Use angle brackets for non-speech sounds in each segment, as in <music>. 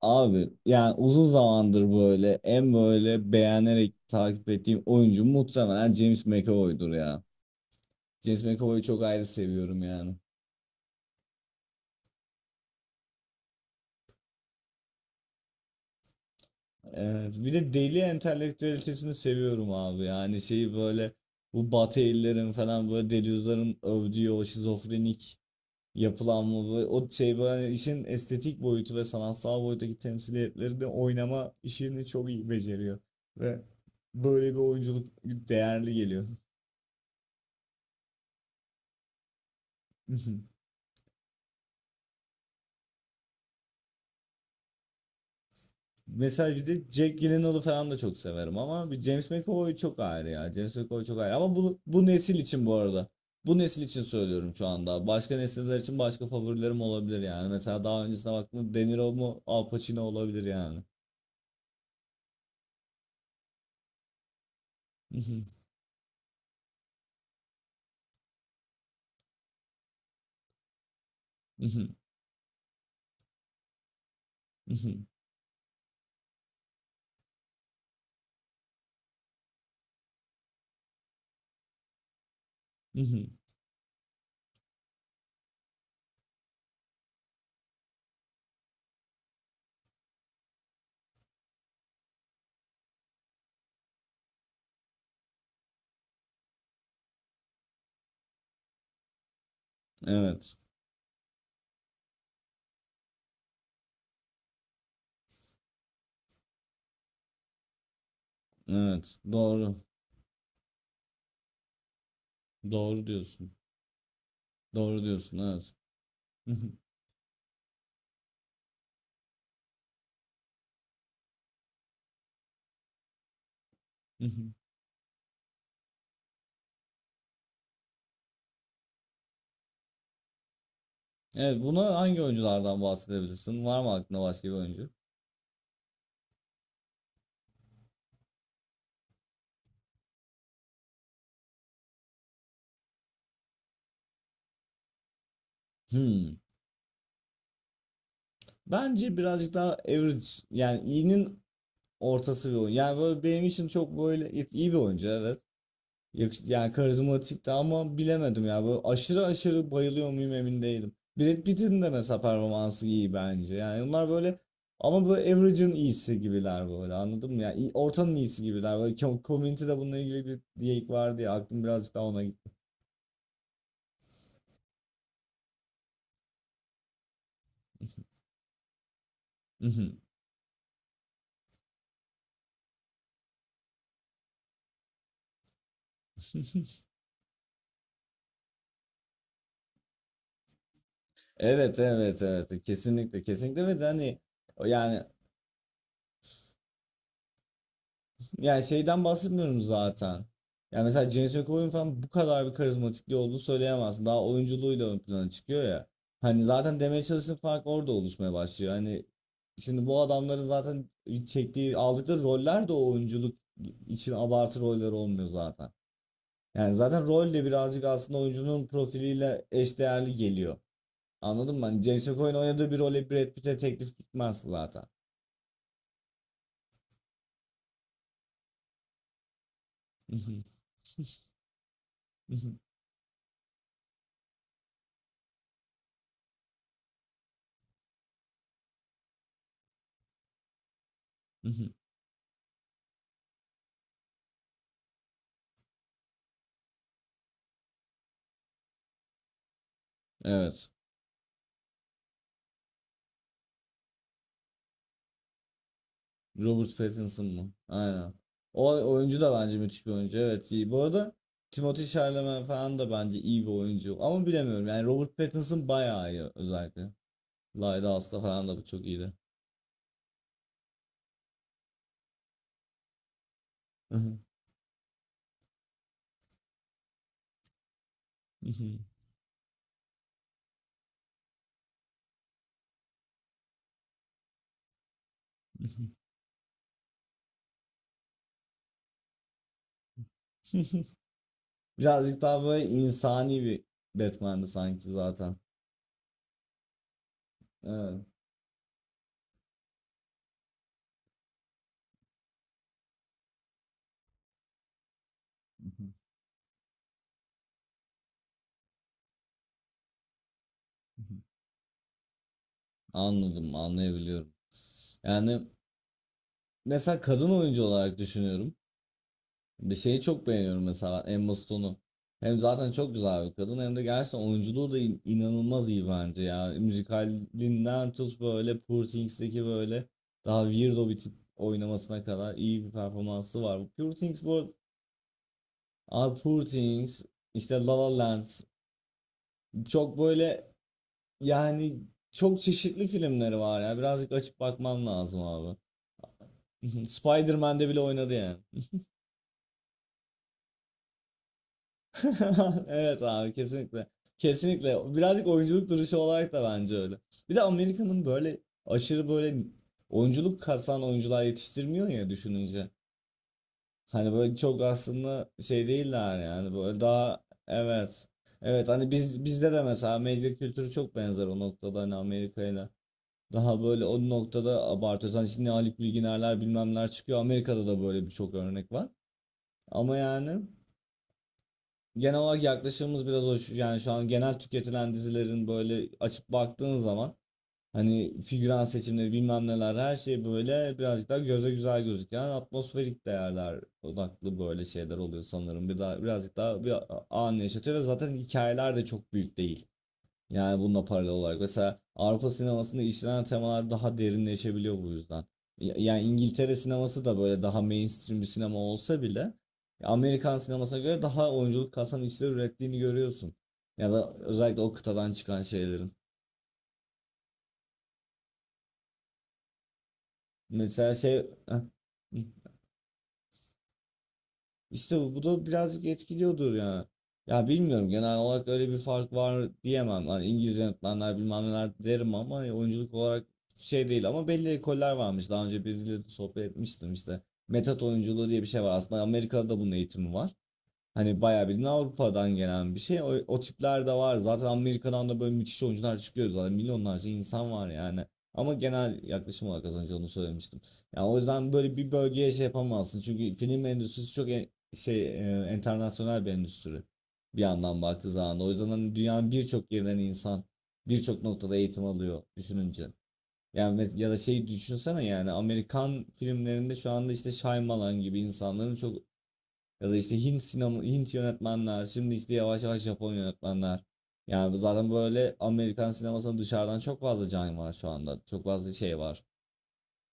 Abi yani uzun zamandır böyle böyle beğenerek takip ettiğim oyuncu muhtemelen James McAvoy'dur ya. James McAvoy'u çok ayrı seviyorum yani. Evet, bir de deli entelektüelitesini seviyorum abi yani şeyi böyle bu Batı ellerin falan böyle delüzyonların övdüğü o şizofrenik yapılanma böyle, o şey böyle işin estetik boyutu ve sanatsal boyuttaki temsiliyetleri de oynama işini çok iyi beceriyor ve böyle bir oyunculuk değerli geliyor. <laughs> Mesela bir de Jack Gyllenhaal'ı falan da çok severim ama bir James McAvoy çok ayrı ya. James McAvoy çok ayrı ama bu nesil için bu arada. Bu nesil için söylüyorum şu anda. Başka nesiller için başka favorilerim olabilir yani. Mesela daha öncesine baktığımda De Niro mu Al Pacino olabilir yani. <laughs> Evet. Evet. Doğru. Doğru diyorsun. Doğru diyorsun. Evet. <laughs> Evet. Buna hangi oyunculardan bahsedebilirsin? Var mı aklında başka bir oyuncu? Hmm. Bence birazcık daha average, yani iyinin ortası bir oyun. Yani böyle benim için çok böyle iyi bir oyuncu, evet. Yani karizmatik de ama bilemedim ya. Böyle aşırı aşırı bayılıyor muyum emin değilim. Brad Pitt'in de mesela performansı iyi bence. Yani onlar böyle, ama böyle average'ın iyisi gibiler böyle, anladın mı? Ortanın iyisi gibiler. Böyle community'de bununla ilgili bir diyek vardı ya, aklım birazcık daha ona gitti. <laughs> Evet evet evet, kesinlikle kesinlikle, ve de hani yani, yani şeyden bahsetmiyorum zaten. Yani mesela James McAvoy'un falan bu kadar bir karizmatikliği olduğunu söyleyemezsin. Daha oyunculuğuyla ön plana çıkıyor ya. Hani zaten demeye çalıştığım fark orada oluşmaya başlıyor. Hani şimdi bu adamların zaten çektiği, aldıkları roller de o oyunculuk için abartı roller olmuyor zaten. Yani zaten rol de birazcık aslında oyuncunun profiliyle eşdeğerli geliyor. Anladın mı? Hani James McAvoy'un oynadığı bir role Brad Pitt'e teklif gitmez zaten. <laughs> Evet. Robert Pattinson mu? Aynen. O oyuncu da bence müthiş bir oyuncu. Evet, iyi. Bu arada Timothée Chalamet falan da bence iyi bir oyuncu. Ama bilemiyorum. Yani Robert Pattinson bayağı iyi özellikle. Lighthouse'da falan da bu çok iyiydi. <laughs> Birazcık daha böyle insani bir Batman'di sanki zaten. Evet. Anladım, anlayabiliyorum. Yani mesela kadın oyuncu olarak düşünüyorum. Bir şeyi çok beğeniyorum, mesela Emma Stone'u. Hem zaten çok güzel bir kadın hem de gerçekten oyunculuğu da inanılmaz iyi bence ya. Müzikalinden tut, böyle Poor Things'deki böyle daha weirdo bir tip oynamasına kadar iyi bir performansı var. Poor Things bu, aa, Poor Things, işte La La Land, çok böyle, yani çok çeşitli filmleri var ya. Birazcık açıp bakman lazım abi. <laughs> Spider-Man'de bile oynadı yani. <laughs> Evet abi, kesinlikle. Kesinlikle. Birazcık oyunculuk duruşu olarak da bence öyle. Bir de Amerika'nın böyle aşırı böyle oyunculuk kasan oyuncular yetiştirmiyor ya düşününce. Hani böyle çok aslında şey değiller yani, böyle daha, evet. Evet, hani biz bizde de mesela medya kültürü çok benzer o noktada hani Amerika'yla. Daha böyle o noktada abartıyoruz. Hani şimdi Haluk Bilginerler bilmemler çıkıyor. Amerika'da da böyle birçok örnek var. Ama yani genel olarak yaklaşımımız biraz o. Yani şu an genel tüketilen dizilerin böyle açıp baktığın zaman hani figüran seçimleri bilmem neler her şey böyle birazcık daha göze güzel gözüken atmosferik değerler odaklı böyle şeyler oluyor sanırım. Bir daha birazcık daha bir anı yaşatıyor ve zaten hikayeler de çok büyük değil. Yani bununla paralel olarak. Mesela Avrupa sinemasında işlenen temalar daha derinleşebiliyor bu yüzden. Yani İngiltere sineması da böyle daha mainstream bir sinema olsa bile Amerikan sinemasına göre daha oyunculuk kasan işler ürettiğini görüyorsun. Ya da özellikle o kıtadan çıkan şeylerin. Mesela şey... Heh. İşte bu da birazcık etkiliyordur ya. Ya bilmiyorum, genel olarak öyle bir fark var diyemem. Hani İngiliz yönetmenler bilmem neler derim ama oyunculuk olarak şey değil, ama belli ekoller varmış. Daha önce biriyle de sohbet etmiştim işte. Metot oyunculuğu diye bir şey var. Aslında Amerika'da da bunun eğitimi var. Hani bayağı bildiğin Avrupa'dan gelen bir şey. O tipler de var. Zaten Amerika'dan da böyle müthiş oyuncular çıkıyor zaten. Milyonlarca insan var yani. Ama genel yaklaşım olarak az önce onu söylemiştim. Yani o yüzden böyle bir bölgeye şey yapamazsın. Çünkü film endüstrisi çok şey internasyonel bir endüstri. Bir yandan baktığı zaman da. O yüzden hani dünyanın birçok yerinden insan birçok noktada eğitim alıyor düşününce. Yani ya da şey düşünsene, yani Amerikan filmlerinde şu anda işte Shyamalan gibi insanların çok, ya da işte Hint sinema, Hint yönetmenler, şimdi işte yavaş yavaş Japon yönetmenler. Yani zaten böyle Amerikan sinemasının dışarıdan çok fazla can var şu anda. Çok fazla şey var.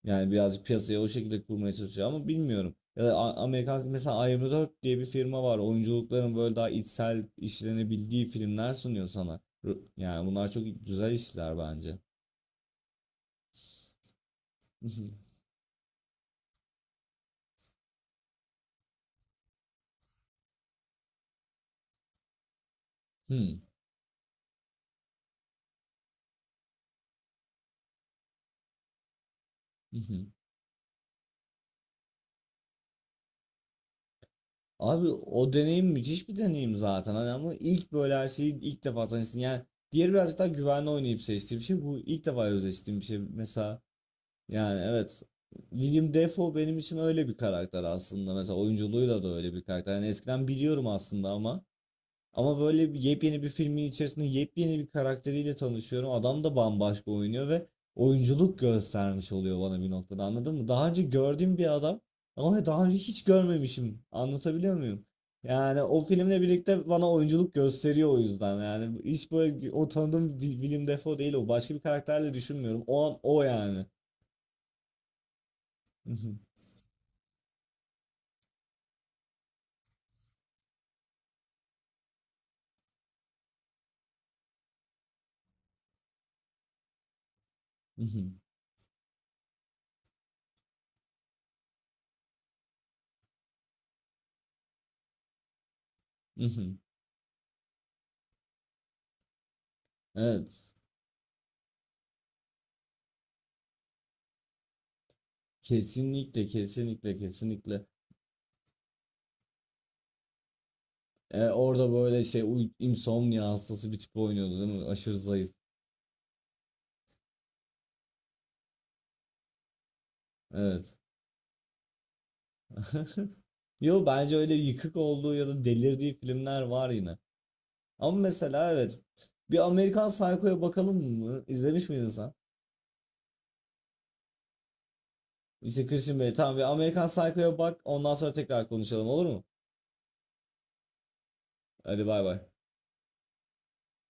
Yani birazcık piyasayı o şekilde kurmaya çalışıyor ama bilmiyorum. Ya da Amerikan, mesela A24 diye bir firma var. Oyunculukların böyle daha içsel işlenebildiği filmler sunuyor sana. Yani bunlar çok güzel işler bence. <laughs> Hmm. <laughs> Abi o deneyim müthiş bir deneyim zaten, hani ama ilk böyle her şeyi ilk defa tanıştın yani, diğeri birazcık daha güvenli oynayıp seçtiğim bir şey, bu ilk defa özleştiğim bir şey mesela, yani evet, William Dafoe benim için öyle bir karakter aslında, mesela oyunculuğuyla da öyle bir karakter yani, eskiden biliyorum aslında ama, ama böyle yepyeni bir filmin içerisinde yepyeni bir karakteriyle tanışıyorum. Adam da bambaşka oynuyor ve oyunculuk göstermiş oluyor bana bir noktada, anladın mı? Daha önce gördüğüm bir adam ama daha önce hiç görmemişim. Anlatabiliyor muyum? Yani o filmle birlikte bana oyunculuk gösteriyor o yüzden. Yani hiç böyle o tanıdığım Willem Dafoe değil o. Başka bir karakterle düşünmüyorum. O an o yani. <laughs> Mhm, mhm. Evet. Kesinlikle, kesinlikle, kesinlikle. Orada böyle şey insomnia hastası bir tip oynuyordu değil mi? Aşırı zayıf. Evet. <laughs> Yo bence öyle yıkık olduğu ya da delirdiği filmler var yine. Ama mesela evet. Bir Amerikan Psycho'ya bakalım mı? İzlemiş miydin sen? İşte Christian Bale. Tamam, bir Amerikan Psycho'ya bak. Ondan sonra tekrar konuşalım, olur mu? Hadi bay bay.